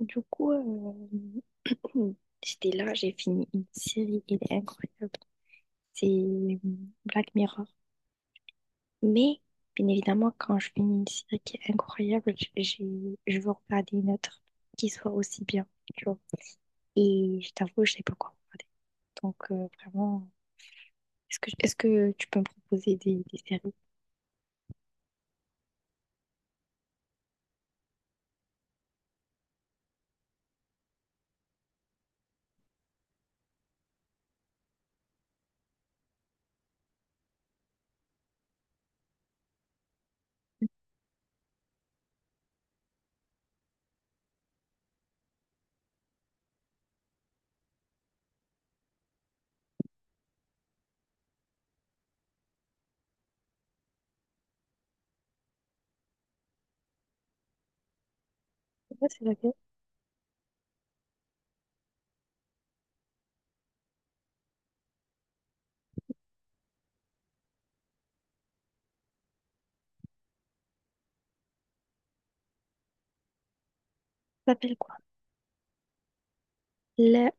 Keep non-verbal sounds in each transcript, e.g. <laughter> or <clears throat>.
Du coup, euh, <clears throat> j'étais là, j'ai fini une série, elle est incroyable. C'est Black Mirror. Mais, bien évidemment, quand je finis une série qui est incroyable, j'ai, je veux regarder une autre qui soit aussi bien, tu vois. Et je t'avoue, je sais pas quoi regarder. Donc, vraiment, est-ce que tu peux me proposer des séries? Je sais pas, c'est laquelle? Ça s'appelle quoi? La...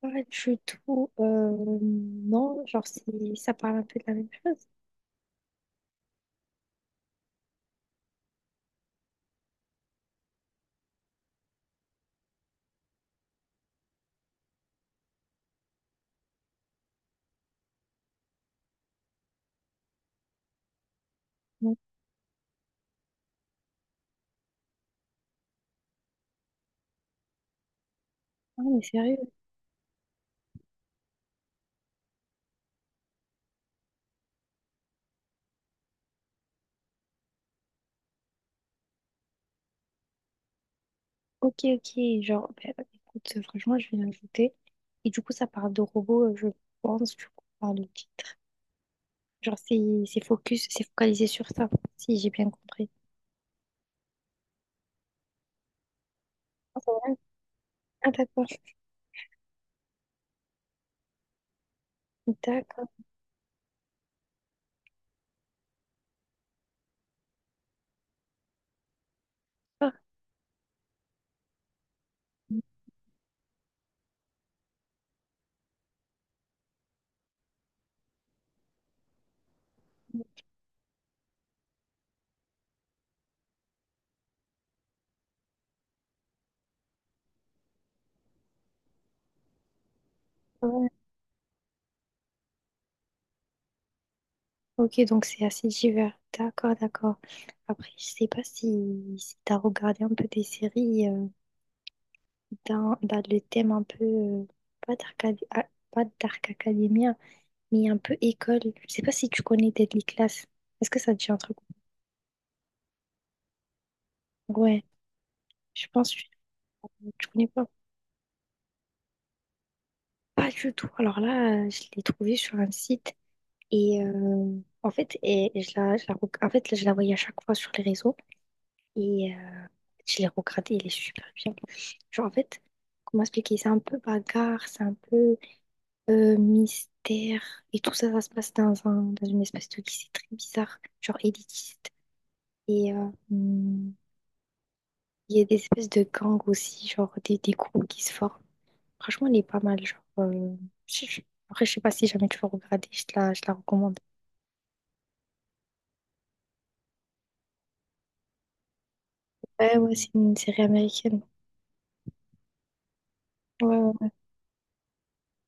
Pas du tout. Non, genre, ça parle un peu de la même chose. Non, non, mais sérieux. Ok, ok, genre, bah, écoute, franchement, je vais l'ajouter. Et du coup, ça parle de robots, je pense, du coup, par le titre. Genre, c'est focus, c'est focalisé sur ça, si j'ai bien compris. Ah, c'est vrai. Ah, d'accord. D'accord. Ah, ouais. Ok, donc c'est assez divers. D'accord, d'accord. Après, je sais pas si, si t'as regardé un peu des séries dans, dans le thème un peu, pas Dark, pas Dark Academia, mais un peu école. Je sais pas si tu connais Deadly Class. Est-ce que ça te dit un truc? Ouais, je pense que je connais pas, pas du tout. Alors là, je l'ai trouvée sur un site et en fait, et je la, en fait, là, je la voyais à chaque fois sur les réseaux et je l'ai regardée, elle est super bien. Genre, en fait, comment expliquer? C'est un peu bagarre, c'est un peu mystère et tout ça, ça se passe dans un, dans une espèce de lycée très bizarre, genre élitiste. Et hum, il y a des espèces de gangs aussi, genre des groupes qui se forment. Franchement, elle est pas mal. Genre, je- je- Après, je sais pas si jamais tu vas regarder, je te la recommande. Ouais, ouais, c'est une série américaine. Ouais, ouais, ouais.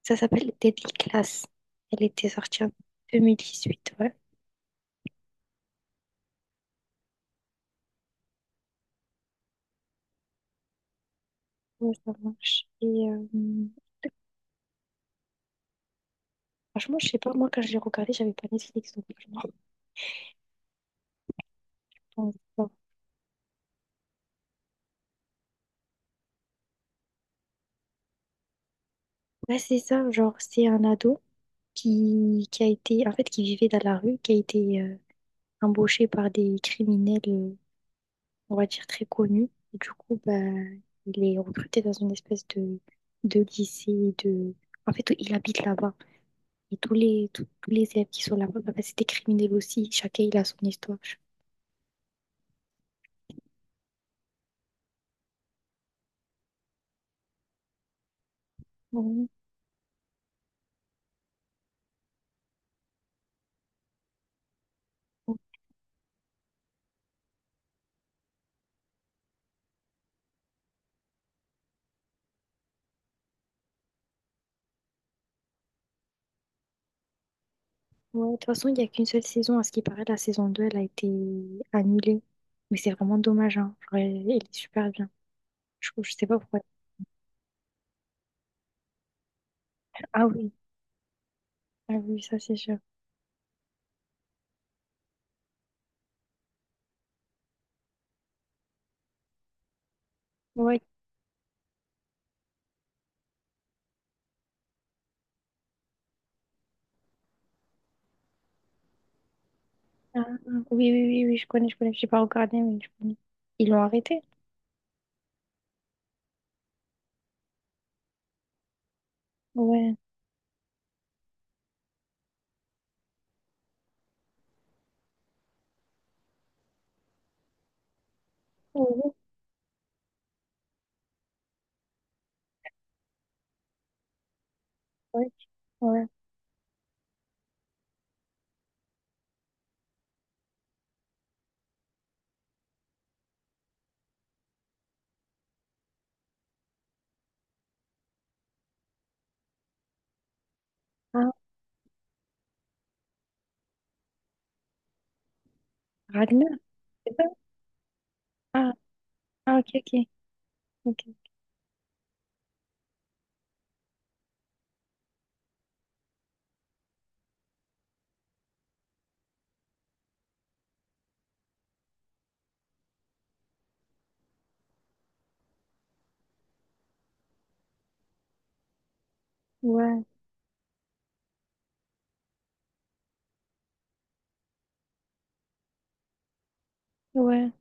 Ça s'appelle Deadly Class. Elle était sortie en 2018, ouais. Ouais, ça marche. Et franchement, je sais pas, moi, quand je l'ai regardé j'avais pas Netflix, donc je me rappelle pas. Ouais, c'est ça, genre, c'est un ado qui a été, en fait, qui vivait dans la rue, qui a été embauché par des criminels. On va dire, très connu. Et du coup, bah, il est recruté dans une espèce de lycée, de... En fait, il habite là-bas. Et tous les, tous les élèves qui sont là-bas, bah, c'est des criminels aussi. Chacun, il a son histoire. Ouais. Ouais, de toute façon, il n'y a qu'une seule saison. À ce qui paraît, la saison 2 elle a été annulée. Mais c'est vraiment dommage, hein. Genre, elle, elle est super bien. Je sais pas pourquoi. Ah oui, ah oui, ça c'est sûr. Ouais. Ah, ah, oui, oui, oui, oui, je connais, je connais. J'ai pas regardé, mais je connais. Ils l'ont arrêté? Ouais. Ouais, ouais, ouais. Ah, Ragnar, c'est ça? Ah, ah, ok, ok, ok. Ouais, ouais,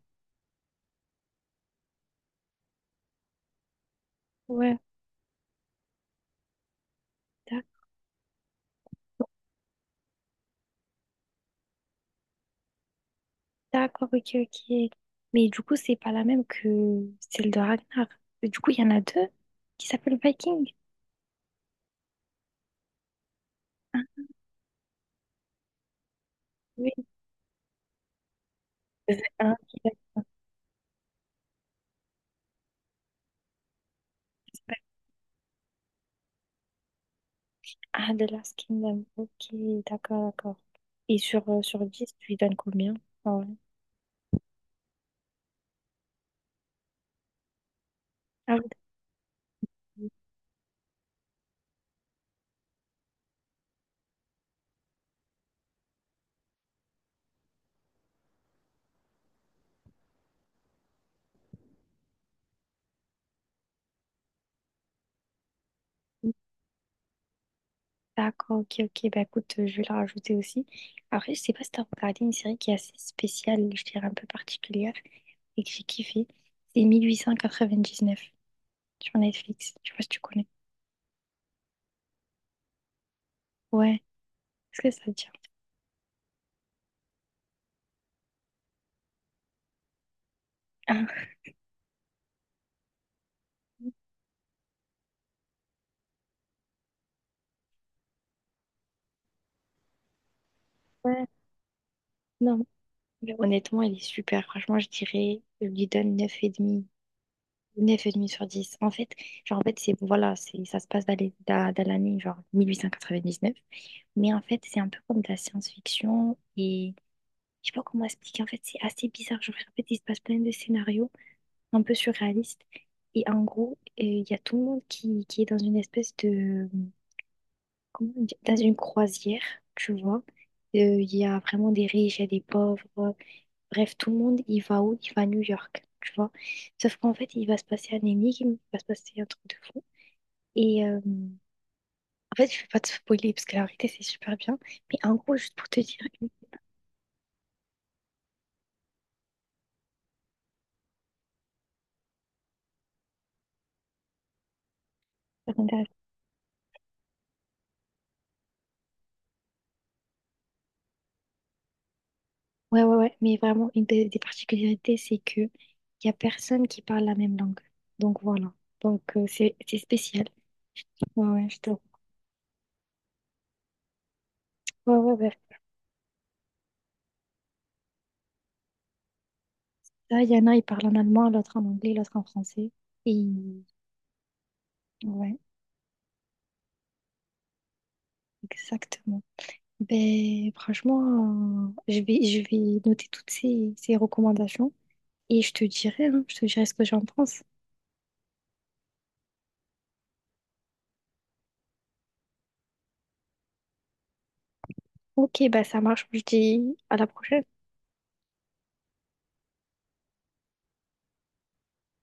ouais. D'ac- D'accord, ok, ok. Mais du coup, c'est pas la même que celle de Ragnar. Du coup, il y en a deux qui s'appellent Viking. Ah, oui. Il y en a un qui s'appelle. Ah, The Last Kingdom. Ok, d'accord, d'accord. Et sur, sur 10 tu lui donnes combien? Ah, ouais. Ah oui. D'accord, ok, ok. Bah écoute, je vais la rajouter aussi. Après, je sais pas si t'as regardé une série qui est assez spéciale, je dirais un peu particulière, et que j'ai kiffé. C'est 1899 sur Netflix. Je sais pas si tu connais. Ouais, est-ce que ça te dit? Ah, ouais, non. Mais honnêtement, elle est super. Franchement, je dirais, je lui donne 9,5. 9,5 sur dix. En fait, genre, en fait, c'est, voilà, c'est, ça se passe dans dans l'année, genre, 1899. Mais en fait, c'est un peu comme de la science-fiction et je sais pas comment expliquer. En fait, c'est assez bizarre. Je vous répète, il se passe plein de scénarios un peu surréalistes. Et en gros, il y a tout le monde qui est dans une espèce de... Comment on dit? Dans une croisière, tu vois. Il y a vraiment des riches, il y a des pauvres. Bref, tout le monde, il va où? Il va à New York, tu vois. Sauf qu'en fait, il va se passer un énigme, il va se passer un truc de fou. Et en fait, je vais pas te spoiler parce que la vérité, c'est super bien. Mais en gros, juste pour te dire, ouais, ouais, ouais. Mais vraiment, une des particularités, c'est que il y a personne qui parle la même langue. Donc voilà. Donc c'est spécial. Ouais, ouais, je te... Ouais, ouais, ouais. Là, il y en a, ils parlent en allemand, l'autre en anglais, l'autre en français. Et ouais, exactement. Ben franchement, je vais noter toutes ces, ces recommandations et je te dirai, hein, je te dirai ce que j'en pense. Ok, ben ça marche. Je te dis à la prochaine.